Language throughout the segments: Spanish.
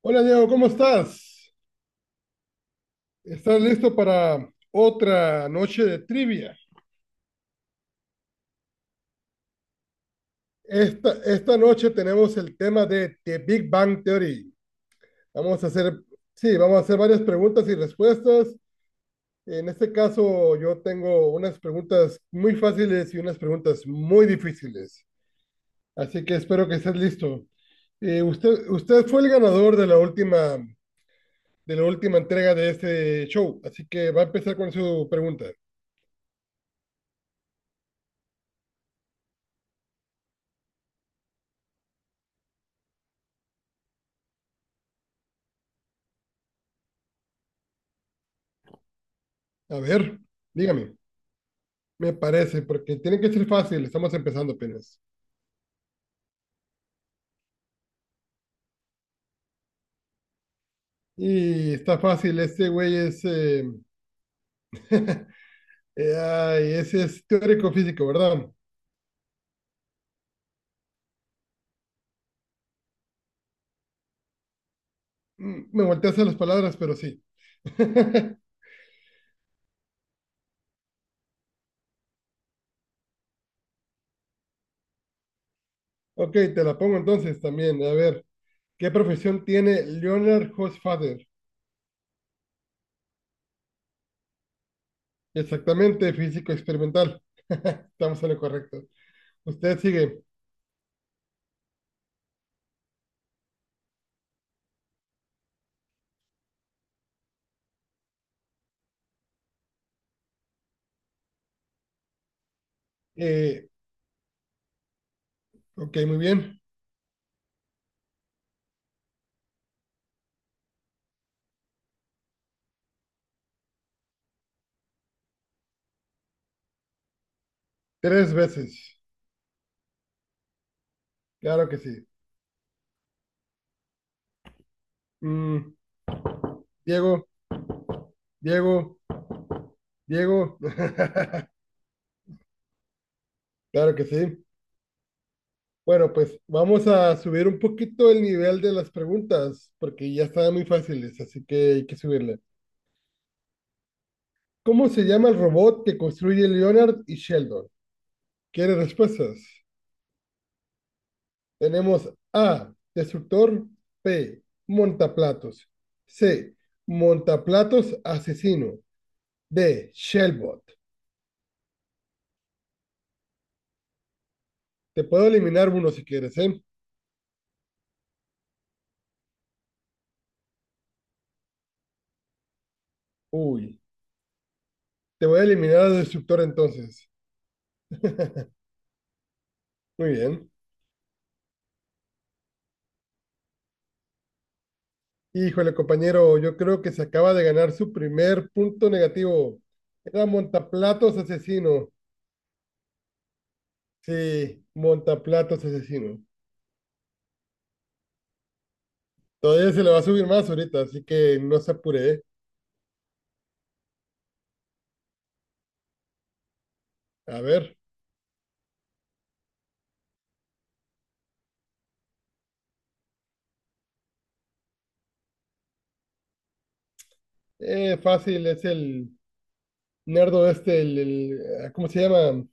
Hola Diego, ¿cómo estás? ¿Estás listo para otra noche de trivia? Esta noche tenemos el tema de The Big Bang Theory. Vamos a hacer, sí, Vamos a hacer varias preguntas y respuestas. En este caso, yo tengo unas preguntas muy fáciles y unas preguntas muy difíciles. Así que espero que estés listo. Usted fue el ganador de la última entrega de este show, así que va a empezar con su pregunta. A ver, dígame. Me parece, porque tiene que ser fácil, estamos empezando apenas. Y está fácil, este güey es, ese es teórico físico, ¿verdad? Mm, me volteas a las palabras, pero sí. Ok, te la pongo entonces también. A ver, ¿qué profesión tiene Leonard Hofstadter? Exactamente, físico experimental. Estamos en lo correcto. Usted sigue. Eh, ok, muy bien. Tres veces. Claro que sí. Mm, Diego, Diego, Diego. Claro que sí. Bueno, pues vamos a subir un poquito el nivel de las preguntas, porque ya estaban muy fáciles, así que hay que subirle. ¿Cómo se llama el robot que construye Leonard y Sheldon? ¿Quiere respuestas? Tenemos A, destructor; B, montaplatos; C, montaplatos asesino; D, Shellbot. Te puedo eliminar uno si quieres, ¿eh? Uy, te voy a eliminar al destructor entonces. Muy bien. Híjole, compañero, yo creo que se acaba de ganar su primer punto negativo. Era Montaplatos Asesino. Sí, Montaplatos Asesino. Todavía se le va a subir más ahorita, así que no se apure, ¿eh? A ver, fácil, es el nerdo este, ah, ¿cómo se llama?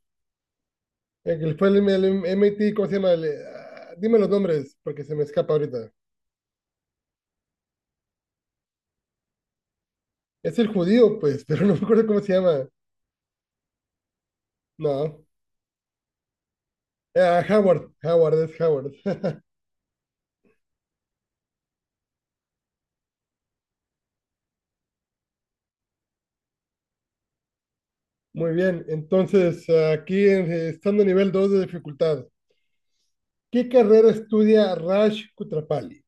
El que fue el MIT, ¿cómo se llama? El, ah, dime los nombres, porque se me escapa ahorita. Es el judío, pues, pero no me acuerdo cómo se llama. No, ah, Howard, es Howard. Muy bien, entonces aquí estando a nivel 2 de dificultad, ¿qué carrera estudia Raj Kutrapali?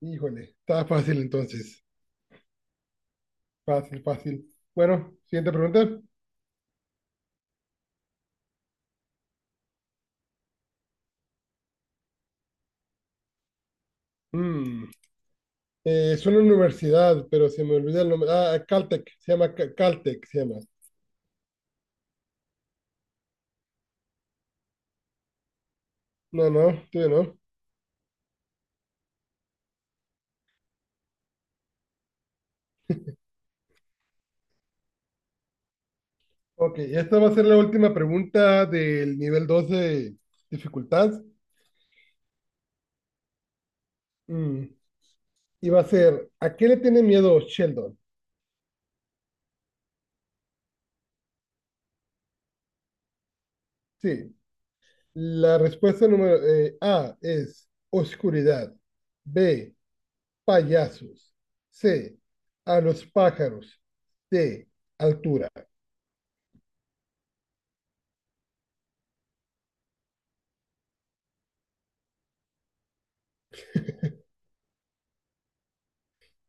Híjole, está fácil entonces, fácil, fácil. Bueno, siguiente pregunta. Mm, es una universidad, pero se me olvida el nombre. Ah, Caltech, se llama, Caltech, se llama. No, no, todavía no. Ok, esta va a ser la última pregunta del nivel 2 de dificultad. Mm, y va a ser, ¿a qué le tiene miedo Sheldon? Sí, la respuesta número A es oscuridad. B, payasos. C, a los pájaros. D, altura.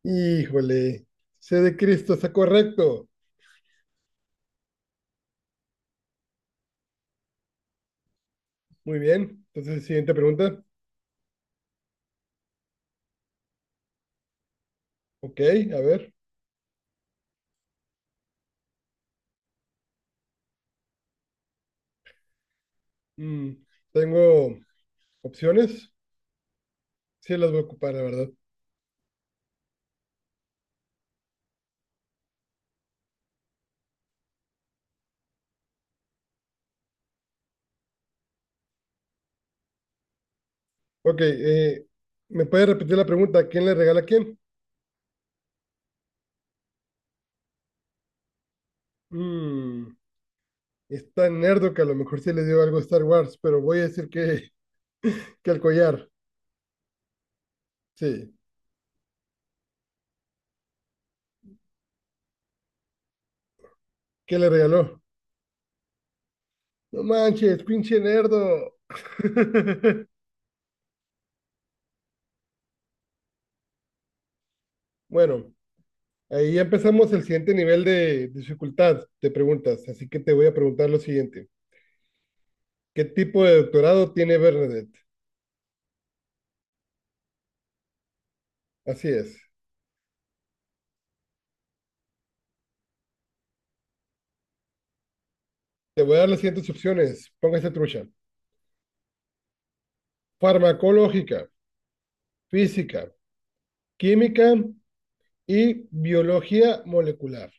Híjole, C de Cristo, está correcto. Muy bien, entonces siguiente pregunta. Ok, a ver. Mm, tengo opciones. Sí, las voy a ocupar, la verdad. Ok, ¿me puede repetir la pregunta? ¿Quién le regala a quién? Mm, está nerdo que a lo mejor sí le dio algo a Star Wars, pero voy a decir que... Que el collar, sí. ¿Qué le regaló? No manches, pinche nerdo. Bueno, ahí ya empezamos el siguiente nivel de dificultad de preguntas, así que te voy a preguntar lo siguiente. ¿Qué tipo de doctorado tiene Bernadette? Así es. Te voy a dar las siguientes opciones. Póngase trucha. Farmacológica, física, química y biología molecular.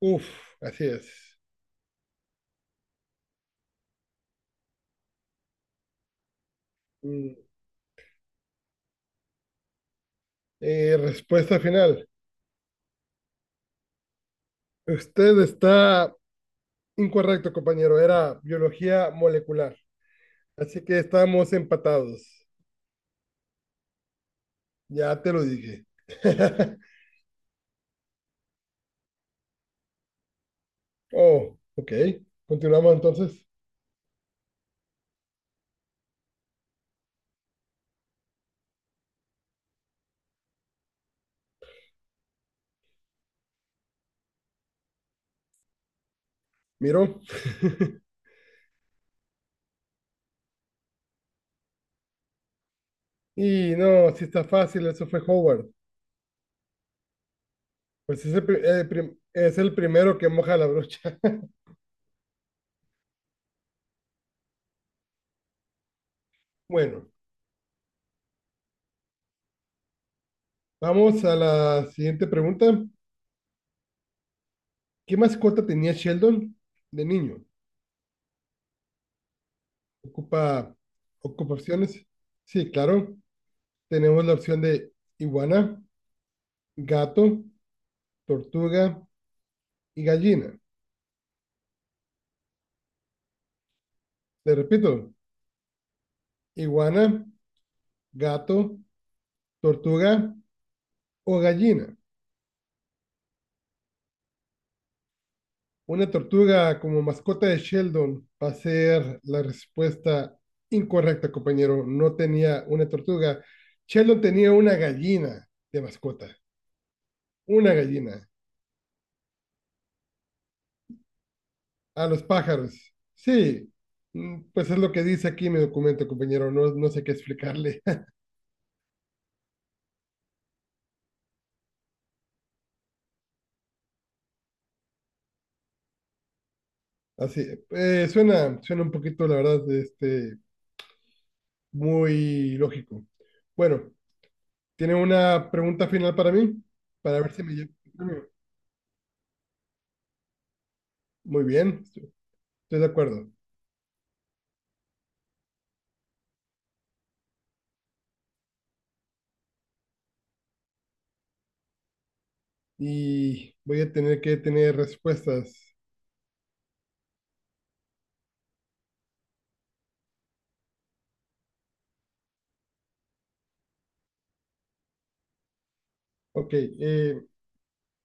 Uf, así es. Mm, respuesta final. Usted está incorrecto, compañero, era biología molecular. Así que estamos empatados. Ya te lo dije. Oh, ok. Continuamos entonces. Miro. Y no, si está fácil, eso fue Howard. Pues es el, es el primero que moja la brocha. Bueno, vamos a la siguiente pregunta. ¿Qué mascota tenía Sheldon de niño? Ocupa, ocupa opciones. Sí, claro. Tenemos la opción de iguana, gato, tortuga y gallina. Le repito, iguana, gato, tortuga o gallina. Una tortuga como mascota de Sheldon va a ser la respuesta incorrecta, compañero. No tenía una tortuga. Sheldon tenía una gallina de mascota. Una gallina. A los pájaros. Sí, mm, pues es lo que dice aquí mi documento, compañero. No, no sé qué explicarle. Así, suena, suena un poquito, la verdad, este, muy lógico. Bueno, ¿tiene una pregunta final para mí? Para ver si me llevo el premio. Muy bien, estoy de acuerdo. Y voy a tener que tener respuestas. Ok,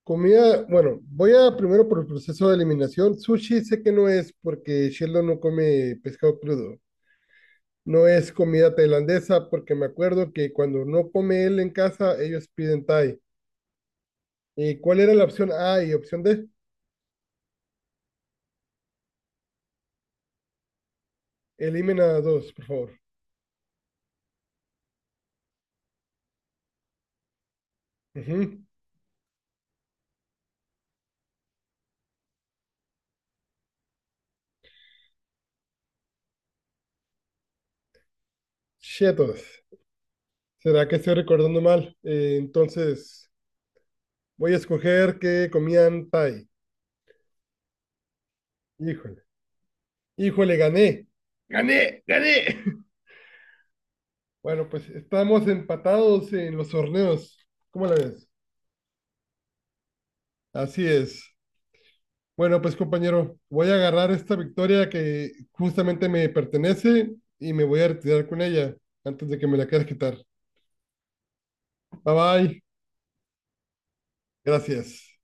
comida, bueno, voy a primero por el proceso de eliminación. Sushi sé que no es porque Sheldon no come pescado crudo. No es comida tailandesa porque me acuerdo que cuando no come él en casa, ellos piden Thai. ¿Cuál era la opción A y opción D? Elimina dos, por favor. Ujú. Chetos. ¿Será que estoy recordando mal? Entonces, voy a escoger que comían Thai. Híjole. Híjole, gané. ¡Gané! ¡Gané! Bueno, pues estamos empatados en los torneos. ¿Cómo la ves? Así es. Bueno, pues compañero, voy a agarrar esta victoria que justamente me pertenece y me voy a retirar con ella antes de que me la quieras quitar. Bye bye. Gracias.